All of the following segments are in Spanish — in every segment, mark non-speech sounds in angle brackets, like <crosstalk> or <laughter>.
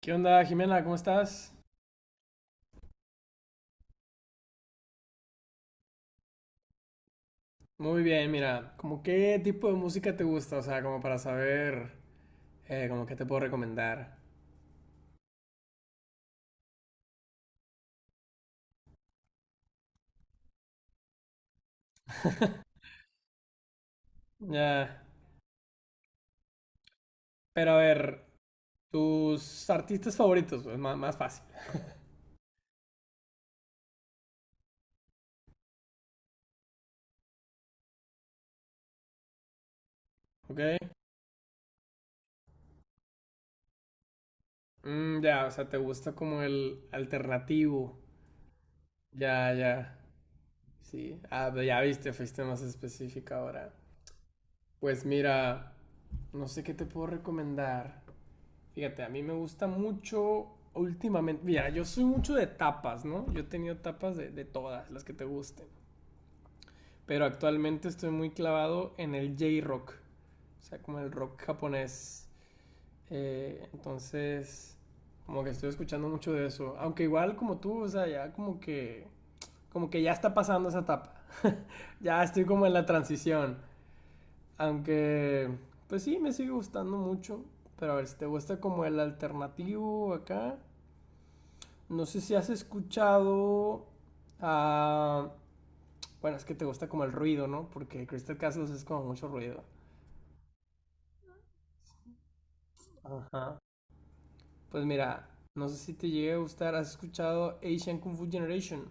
¿Qué onda, Jimena? ¿Cómo estás? Muy bien, mira, como qué tipo de música te gusta, o sea, como para saber, como qué te puedo recomendar. Ya, pero a ver, tus artistas favoritos, es más, más fácil, ¿ok? Mm, ya, o sea, te gusta como el alternativo. Ya, ya, sí. Ah, pero ya viste, fuiste más específica ahora. Pues mira, no sé qué te puedo recomendar. Fíjate, a mí me gusta mucho últimamente. Mira, yo soy mucho de tapas, ¿no? Yo he tenido tapas de todas, las que te gusten. Pero actualmente estoy muy clavado en el J-Rock. O sea, como el rock japonés. Entonces, como que estoy escuchando mucho de eso. Aunque igual como tú, o sea, ya como que. Como que ya está pasando esa etapa. <laughs> Ya estoy como en la transición. Aunque, pues sí, me sigue gustando mucho. Pero a ver, si te gusta como el alternativo acá, no sé si has escuchado a. Bueno, es que te gusta como el ruido, ¿no? Porque Crystal Castles es como mucho ruido. Ajá. Pues mira, no sé si te llegue a gustar. ¿Has escuchado Asian Kung Fu Generation?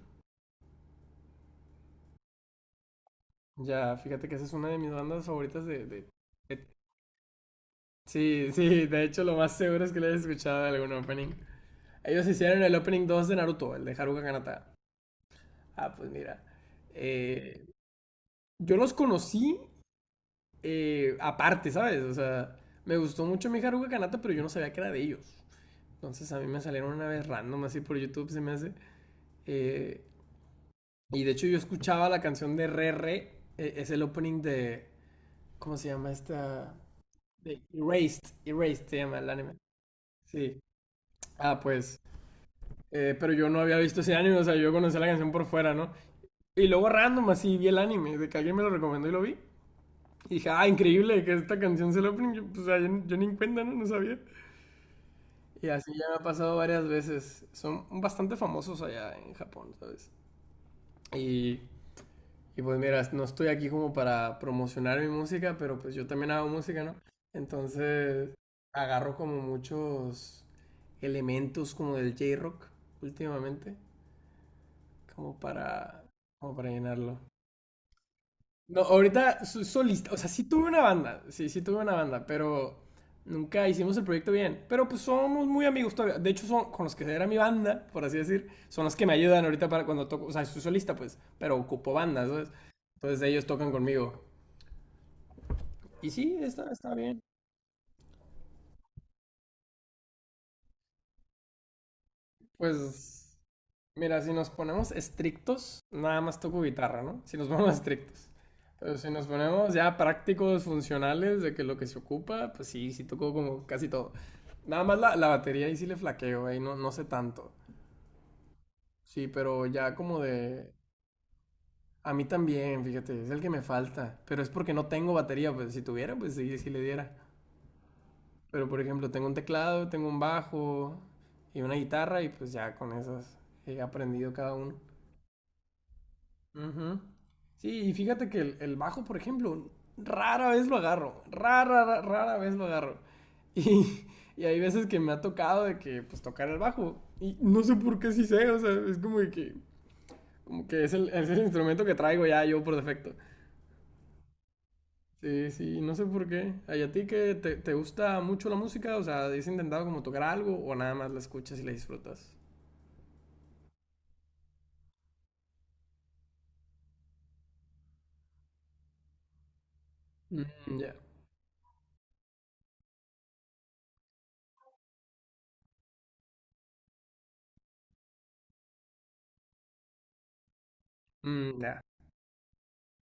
Ya, fíjate que esa es una de mis bandas favoritas de- Sí, sí, de hecho lo más seguro es que le hayas escuchado algún opening. Ellos hicieron el opening 2 de Naruto, el de Haruka Kanata. Ah, pues mira. eh, yo los conocí aparte, ¿sabes? O sea, me gustó mucho mi Haruka Kanata, pero yo no sabía que era de ellos. Entonces a mí me salieron una vez random así por YouTube, se me hace. Eh, y de hecho yo escuchaba la canción de Re Re, es el opening de. ¿Cómo se llama esta? De Erased, Erased se llama el anime. Sí. Ah, pues. Pero yo no había visto ese anime, o sea, yo conocía la canción por fuera, ¿no? Y luego random así vi el anime, de que alguien me lo recomendó y lo vi. Y dije, ah, increíble que esta canción sea el opening. Yo, pues, o sea, yo ni en cuenta, ¿no? No sabía. Y así ya me ha pasado varias veces. Son bastante famosos allá en Japón, ¿sabes? Y, y pues mira, no estoy aquí como para promocionar mi música, pero pues yo también hago música, ¿no? Entonces agarro como muchos elementos como del J-Rock últimamente, como para, como para llenarlo. No, ahorita soy solista, o sea, sí tuve una banda, sí, sí tuve una banda, pero nunca hicimos el proyecto bien. Pero pues somos muy amigos todavía. De hecho, son con los que era mi banda, por así decir, son los que me ayudan ahorita para cuando toco, o sea, soy solista, pues, pero ocupo bandas, ¿sabes? Entonces ellos tocan conmigo. Y sí, está bien. Pues mira, si nos ponemos estrictos, nada más toco guitarra, ¿no? Si nos ponemos estrictos. Pero si nos ponemos ya prácticos, funcionales, de que lo que se ocupa, pues sí, sí toco como casi todo. Nada más la batería ahí sí le flaqueo, ahí no, no sé tanto. Sí, pero ya como de. A mí también, fíjate, es el que me falta. Pero es porque no tengo batería, pues si tuviera, pues sí, sí le diera. Pero por ejemplo, tengo un teclado, tengo un bajo y una guitarra y pues ya con esas he aprendido cada uno. Ujú. Sí, y fíjate que el bajo, por ejemplo, rara vez lo agarro, rara, rara, rara vez lo agarro. <laughs> Y, y hay veces que me ha tocado de que, pues, tocar el bajo. Y no sé por qué sí sé, o sea, es como de que, como que es el instrumento que traigo ya yo por defecto. Sí, sí, no sé por qué. ¿Ay, a ti que te gusta mucho la música? O sea, ¿has intentado como tocar algo o nada más la escuchas y la disfrutas? Mm, ya. Mm, ya.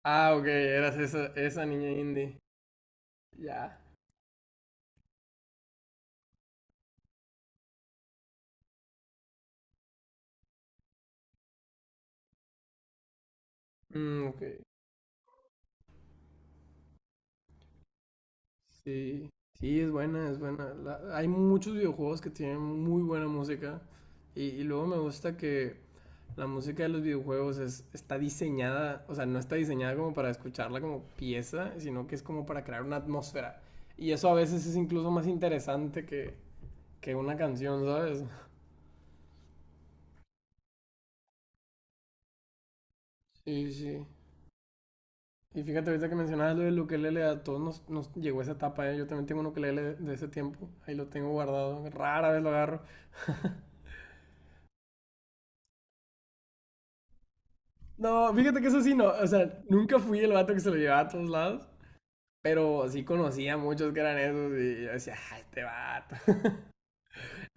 Ah, ok, eras esa niña indie. Ya. Mm, ok. Sí, sí, es buena, es buena. Hay muchos videojuegos que tienen muy buena música y luego me gusta que la música de los videojuegos está diseñada, o sea, no está diseñada como para escucharla como pieza, sino que es como para crear una atmósfera. Y eso a veces es incluso más interesante que una canción, ¿sabes? Sí, sí. Y fíjate, ahorita que mencionabas lo del ukelele, a todos nos llegó esa etapa, ¿eh? Yo también tengo un ukelele de ese tiempo, ahí lo tengo guardado, rara vez lo agarro. <laughs> No, fíjate que eso sí, no. O sea, nunca fui el vato que se lo llevaba a todos lados. Pero sí conocía a muchos que eran esos y yo decía, ah, este vato. <laughs>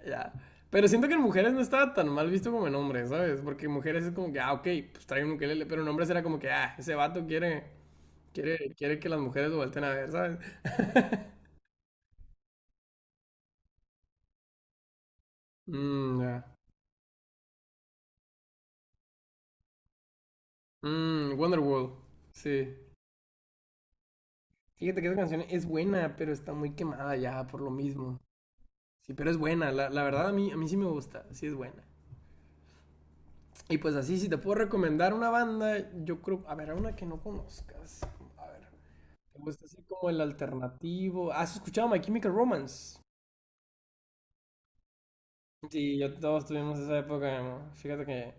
Ya. Pero siento que en mujeres no estaba tan mal visto como en hombres, ¿sabes? Porque en mujeres es como que, ah, ok, pues trae un ukelele. Pero en hombres era como que, ah, ese vato quiere, que las mujeres lo volteen a ver, ¿sabes? <laughs> Mmm, ya. Wonderworld. Sí. Fíjate que esa canción es buena, pero está muy quemada ya por lo mismo. Sí, pero es buena. La verdad a mí sí me gusta. Sí es buena. Y pues así, si te puedo recomendar una banda, yo creo, a ver, una que no conozcas. A ver, te gusta así como el alternativo. ¿Has escuchado My Chemical Romance? Sí, yo todos tuvimos esa época, ¿no? Fíjate que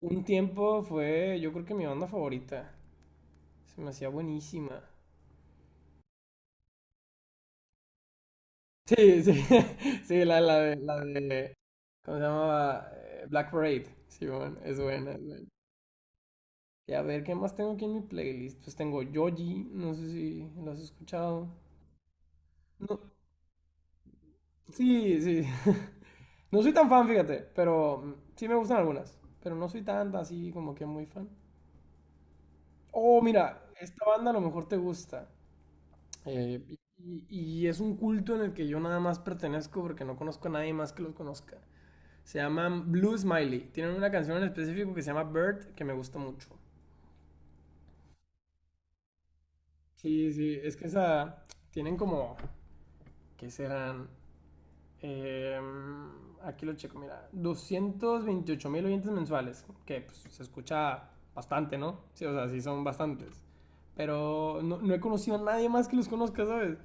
un tiempo fue, yo creo que mi banda favorita. Se me hacía buenísima. Sí, sí, <laughs> sí, la de, ¿cómo se llamaba? Black Parade. Sí, bueno, es buena, es buena. Y a ver, ¿qué más tengo aquí en mi playlist? Pues tengo Yoji, no sé si lo has escuchado. No, sí, sí. <laughs> No soy tan fan, fíjate, pero sí me gustan algunas. Pero no soy tanta así como que muy fan. Oh, mira, esta banda a lo mejor te gusta. Es un culto en el que yo nada más pertenezco porque no conozco a nadie más que los conozca. Se llaman Blue Smiley. Tienen una canción en específico que se llama Bird que me gusta mucho. Sí, sí, es que esa. Tienen como. ¿Qué serán? Eh, Aquí lo checo, mira. 228,000 oyentes mensuales, que pues, se escucha bastante, ¿no? Sí, o sea, sí son bastantes. Pero no, no he conocido a nadie más que los conozca, ¿sabes?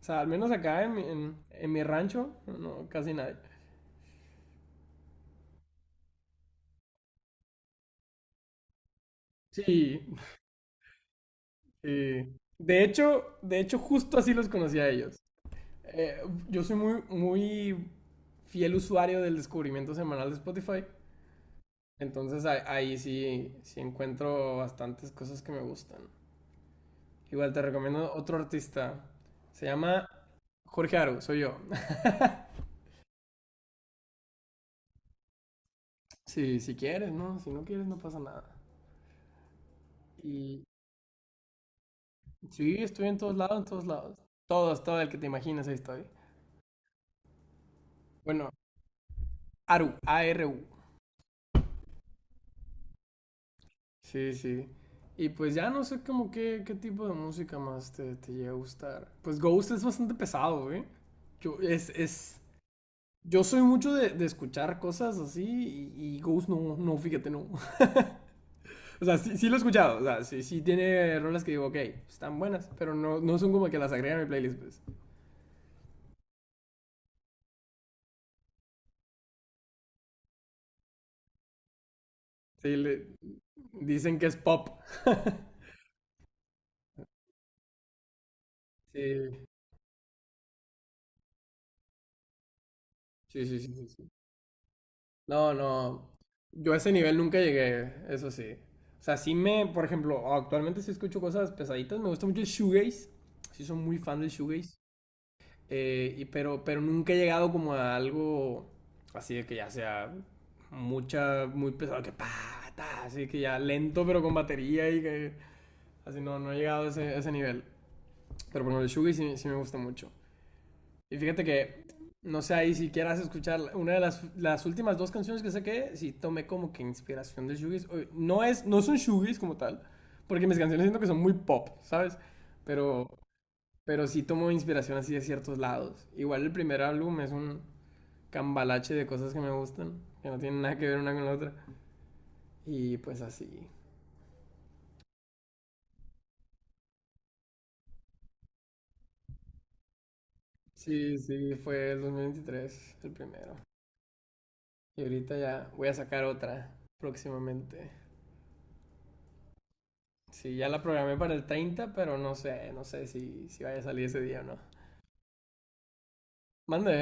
O sea, al menos acá en mi rancho, no, no, casi nadie. Sí, sí. De hecho, justo así los conocí a ellos. Eh, yo soy muy, muy fiel usuario del descubrimiento semanal de Spotify. Entonces ahí sí, sí encuentro bastantes cosas que me gustan. Igual te recomiendo otro artista. Se llama Jorge Aru, soy yo. <laughs> Sí, si quieres, ¿no? Si no quieres, no pasa nada. Y sí, estoy en todos lados, en todos lados. Todo el que te imaginas, ahí estoy. Bueno, Aru, Aru. Sí, sí. Y pues ya no sé como qué, tipo de música más te llega a gustar. Pues Ghost es bastante pesado, güey. Yo, es, es, Yo soy mucho de escuchar cosas así y Ghost no, no, fíjate, no. <laughs> O sea, sí, sí lo he escuchado, o sea, sí, sí tiene rolas que digo, ok, están buenas, pero no, no son como que las agregan a mi playlist, pues. Sí, dicen que es pop. <laughs> Sí, sí, sí, sí, sí, sí. No, no, yo a ese nivel nunca llegué, eso sí. O sea, sí por ejemplo, actualmente sí escucho cosas pesaditas, me gusta mucho el shoegaze, sí soy muy fan del shoegaze. Pero nunca he llegado como a algo así de que ya sea muy pesado, que pa, ta, así que ya lento pero con batería y que así no, no he llegado a ese nivel. Pero bueno ejemplo, el Shugi sí, sí me gusta mucho. Y fíjate que, no sé, ahí si quieras escuchar una de las últimas dos canciones que saqué, sí tomé como que inspiración de Shugis. No, no son Shugis como tal, porque mis canciones siento que son muy pop, ¿sabes? Pero pero sí tomo inspiración así de ciertos lados. Igual el primer álbum es un cambalache de cosas que me gustan, que no tienen nada que ver una con la otra. Y pues así. Sí, sí, fue el 2023 el primero. Y ahorita ya voy a sacar otra próximamente. Sí, ya la programé para el 30 pero no sé, no sé si vaya a salir ese día o no. Mande.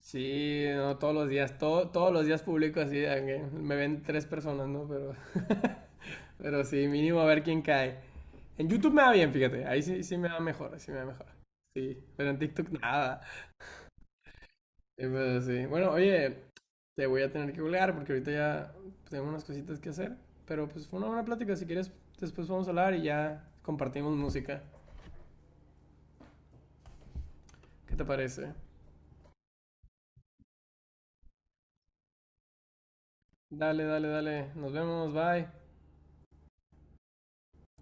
Sí, no, todos los días, todos los días publico así, aunque me ven tres personas, ¿no? Pero, <laughs> pero sí, mínimo a ver quién cae. En YouTube me da bien, fíjate. Ahí sí, sí me da mejor, sí me da mejor. Sí, pero en TikTok nada. Pero sí. Bueno, oye, te voy a tener que colgar porque ahorita ya tengo unas cositas que hacer. Pero pues fue una buena plática. Si quieres, después vamos a hablar y ya compartimos música. ¿Qué te parece? Dale, dale, dale. Nos vemos. Bye.